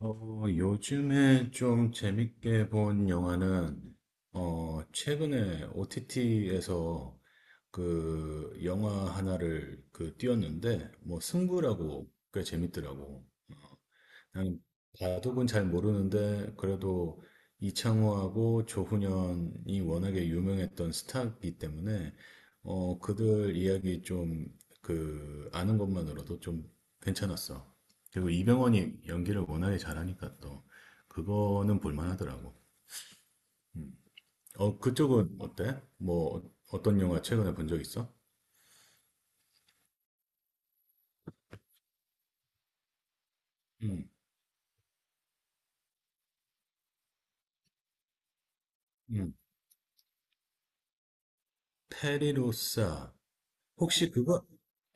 요즘에 좀 재밌게 본 영화는, 최근에 OTT에서 그 영화 하나를 띄웠는데, 뭐, 승부라고 꽤 재밌더라고. 아니, 바둑은 잘 모르는데 그래도 이창호하고 조훈현이 워낙에 유명했던 스타이기 때문에 그들 이야기 좀 아는 것만으로도 좀 괜찮았어. 그리고 이병헌이 연기를 워낙에 잘하니까 또 그거는 볼만하더라고. 그쪽은 어때? 뭐 어- 떤 영화 최근에 본 적 있어? 음, 음. 페리로사. 혹시 그거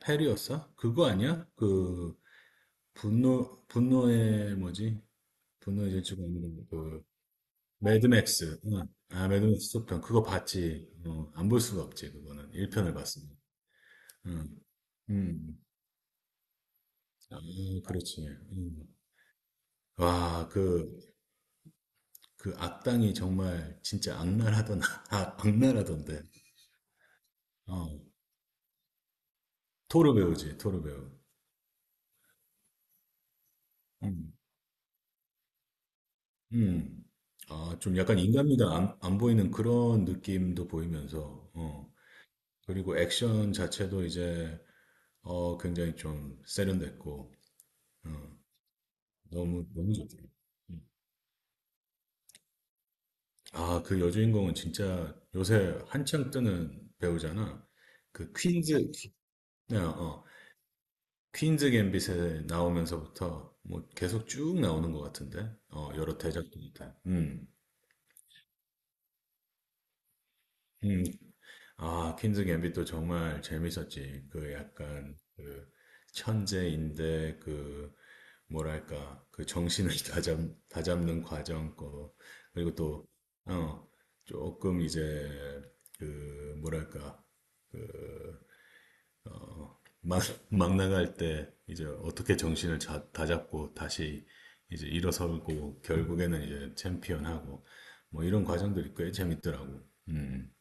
페리오사 그거 아니야? 그 분노의 뭐지? 분노의 질주가 있는 그 매드맥스. 응. 아 매드맥스 속편 그거 봤지. 안 볼 수가 없지 그거는 1편을 봤습니다. 응. 음. 아, 그렇지. 음. 와, 그 악당이 정말 진짜 악랄하던, 악랄하던데. 어, 토르 배우지, 토르 배우. 음. 음. 아, 좀 약간 인간미가 안 보이는 그런 느낌도 보이면서, 어. 그리고 액션 자체도 이제 굉장히 좀 세련됐고, 어, 너무, 너무 좋더라고요. 음. 아, 그 여주인공은 진짜 요새 한창 뜨는 배우잖아. 그 퀸즈, 네, 어, 어, 퀸즈 갬빗에 나오면서부터 뭐 계속 쭉 나오는 것 같은데, 어, 여러 대작들한테. 음. 아, 퀸즈 갬빗도 정말 재밌었지. 그 약간 그 천재인데 그 뭐랄까 그 정신을 다잡는 과정 거 그리고 또 어, 조금 이제 그 뭐랄까 그 어, 막, 막 나갈 때 이제 어떻게 정신을 다잡고 다시 이제 일어서고 결국에는 이제 챔피언하고 뭐 이런 과정들이 꽤 재밌더라고. 음,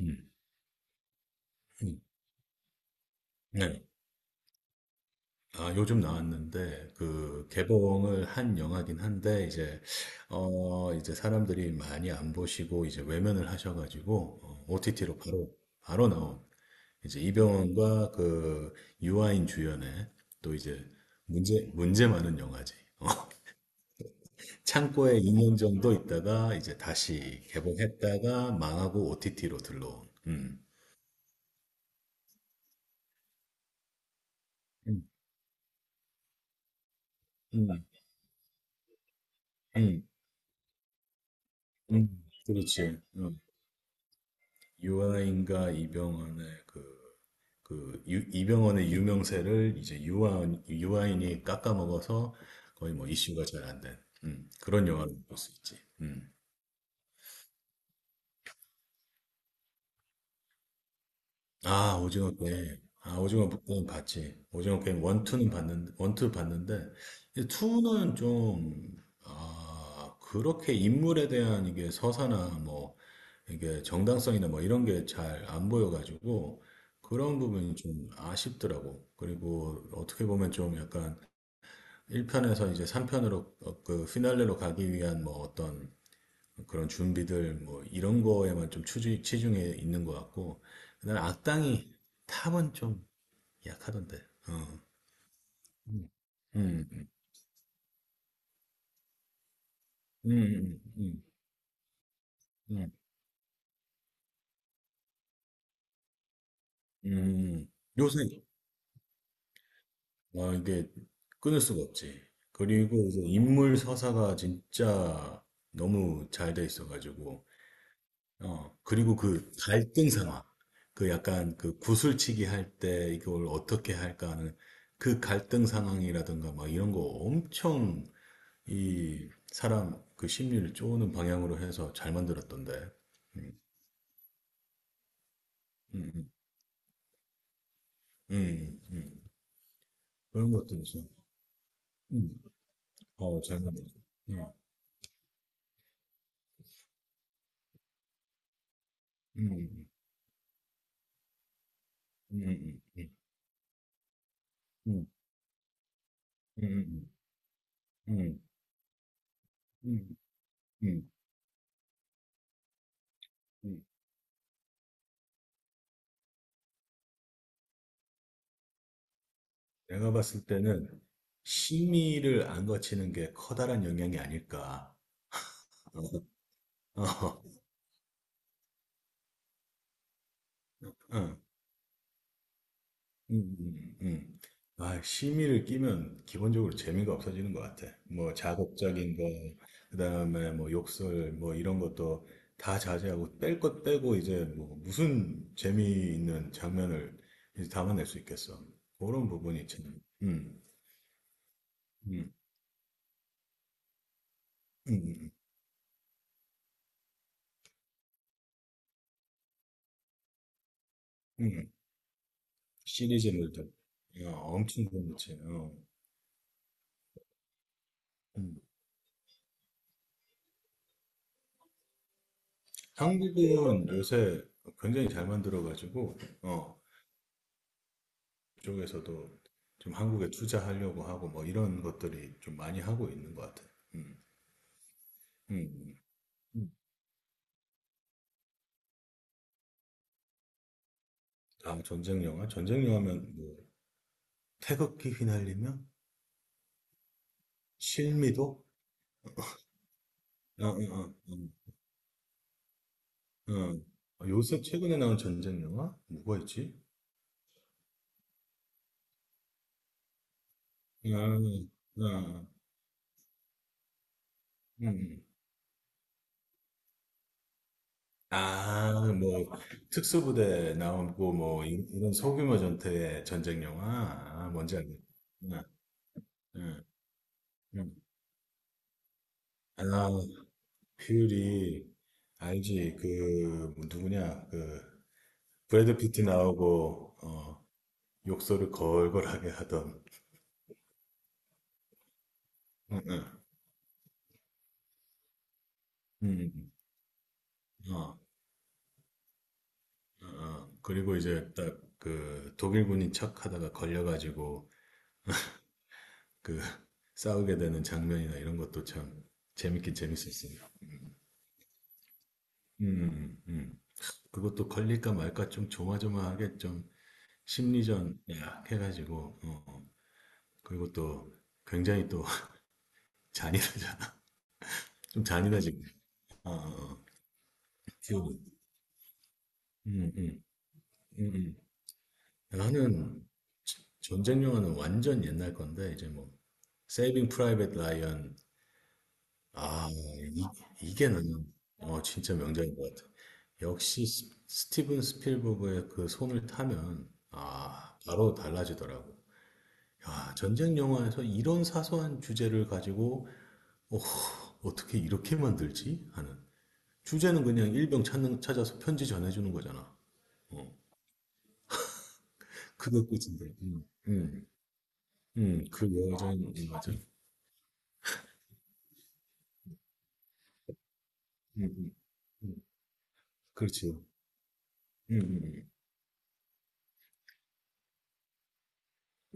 음, 음. 네. 아, 요즘 나왔는데, 개봉을 한 영화긴 한데, 이제, 이제 사람들이 많이 안 보시고, 이제 외면을 하셔가지고, OTT로 바로, 바로 나온, 이제 이병헌과 유아인 주연의, 또 이제, 문제 많은 영화지. 창고에 2년 정도 있다가, 이제 다시 개봉했다가, 망하고 OTT로 들러온. 음. 음, 음, 음, 그렇지. 음. 유아인과 이병헌의 이병헌의 유명세를 이제 유아인이 깎아먹어서 거의 뭐 이슈가 잘 안 된, 그런 영화를 볼 수 있지. 음. 아, 오징어 게임. 아, 오징어 게임 봤지. 오징어 게임 원투 봤는데, 투는 좀, 아, 그렇게 인물에 대한 이게 서사나 뭐, 이게 정당성이나 뭐 이런 게 잘 안 보여가지고, 그런 부분이 좀 아쉽더라고. 그리고 어떻게 보면 좀 약간 1편에서 이제 3편으로 그 피날레로 가기 위한 뭐 어떤 그런 준비들 뭐 이런 거에만 좀추 치중해 있는 것 같고 그다음에 악당이 탑은 좀 약하던데. 어. 음. 음, 음, 음, 음, 음, 음. 요새 아, 이게 끊을 수가 없지. 그리고 이제 인물 서사가 진짜 너무 잘 돼 있어가지고 어 그리고 그 갈등 상황 그 약간 그 구슬치기 할 때 이걸 어떻게 할까 하는 그 갈등 상황이라든가 막 이런 거 엄청 이 사람 그 심리를 쪼는 방향으로 해서 잘 만들었던데. 음, 음, 음. 그런 것도 있어. 음, 어, 잘 만들었어. 음, 음, 음, 음, 음, 음, 음, 음, 음, 음, 음. 음, 음. 내가 봤을 때는 심의를 안 거치는 게 커다란 영향이 아닐까. 어, 어, 어. 음, 음, 음. 아, 심의를 끼면 기본적으로 재미가 없어지는 것 같아. 뭐 자극적인 거, 그다음에 뭐 욕설, 뭐 이런 것도 다 자제하고 뺄 것 빼고 이제 뭐 무슨 재미있는 장면을 이제 담아낼 수 있겠어. 그런 부분이 참, 음, 음, 음, 음. 시리즈물들 야, 엄청 재밌지. 어. 음. 한국은 요새 굉장히 잘 만들어가지고, 어, 그쪽에서도 좀 한국에 투자하려고 하고 뭐 이런 것들이 좀 많이 하고 있는 것 같아요. 음, 음, 음. 아, 전쟁 영화? 전쟁 영화면 뭐 태극기 휘날리며? 실미도? 어, 어, 어, 어, 어. 아, 요새 최근에 나온 전쟁 영화? 뭐가 있지? 음, 음, 음. 아, 뭐 특수부대 나오고 뭐 이런 소규모 전투의 전쟁 영화? 아, 뭔지 알겠다. 음, 음, 음. 아, 퓨리 알지 그 뭐 누구냐 그 브래드 피트 나오고 어 욕설을 걸걸하게 하던 응, 응. 음, 어, 어, 어. 그리고 이제 딱 그 독일군인 척하다가 걸려가지고 그 싸우게 되는 장면이나 이런 것도 참 재밌긴 재밌었습니다. 음, 음, 음. 그것도 걸릴까 말까 좀 조마조마하게 좀 심리전 약 해가지고 어, 어. 그리고 또 굉장히 또 잔인하잖아. 좀 잔인하지. 아, 어, 기억이. 음, 음, 음, 음. 나는 전쟁 영화는 완전 옛날 건데 이제 뭐 세이빙 프라이빗 라이언. 아, 이, 이게 나는 어 진짜 명작인 것 같아. 역시 스티븐 스필버그의 그 손을 타면 아 바로 달라지더라고. 야, 전쟁 영화에서 이런 사소한 주제를 가지고 어, 어떻게 이렇게 만들지 하는 주제는 그냥 일병 찾아서 편지 전해주는 거잖아. 어. 그거 꽂힌데 그 여자인 맞아. 음, 음, 그렇지요. 음, 음, 음.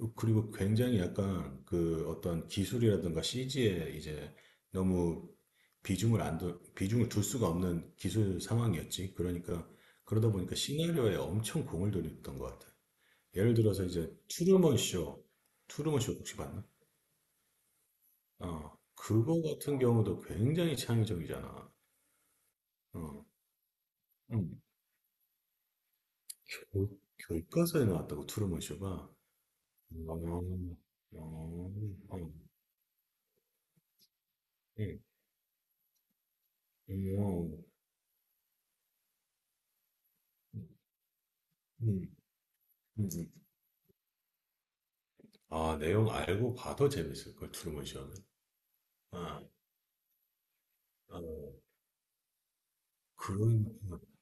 어, 그리고 굉장히 약간 그 어떤 기술이라든가 CG에 이제 너무 비중을 안 둬, 비중을 둘 수가 없는 기술 상황이었지. 그러니까 그러다 보니까 시나리오에 엄청 공을 들였던 것 같아. 예를 들어서 이제 투루먼 쇼 혹시 봤나? 어, 그거 같은 경우도 굉장히 창의적이잖아. 어, 음. 교- 교과서에 나왔다고 트루먼 쇼가? 음, 음, 어 음, 음, 음. 아, 내용 알고 봐도 재밌을 걸 트루먼 쇼는. 아, 아, 그런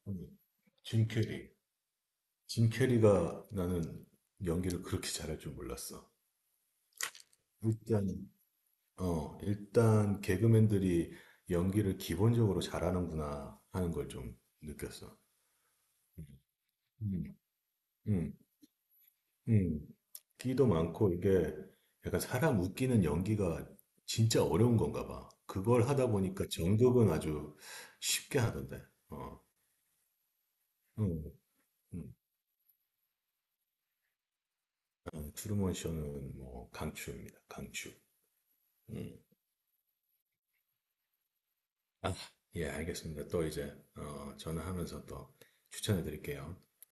음, 짐 캐리. 짐 캐리가 나는 연기를 그렇게 잘할 줄 몰랐어. 일단 일단 개그맨들이 연기를 기본적으로 잘하는구나 하는 걸 좀 느꼈어. 음, 음, 음. 끼도 많고 이게 약간 사람 웃기는 연기가 진짜 어려운 건가 봐. 그걸 하다 보니까 연극은 아주 쉽게 하던데. 어. 음, 음. 아, 트루먼 쇼는 뭐 강추입니다. 강추. 음. 아, 예, 알겠습니다. 또 이제 어, 전화하면서 또 추천해 드릴게요.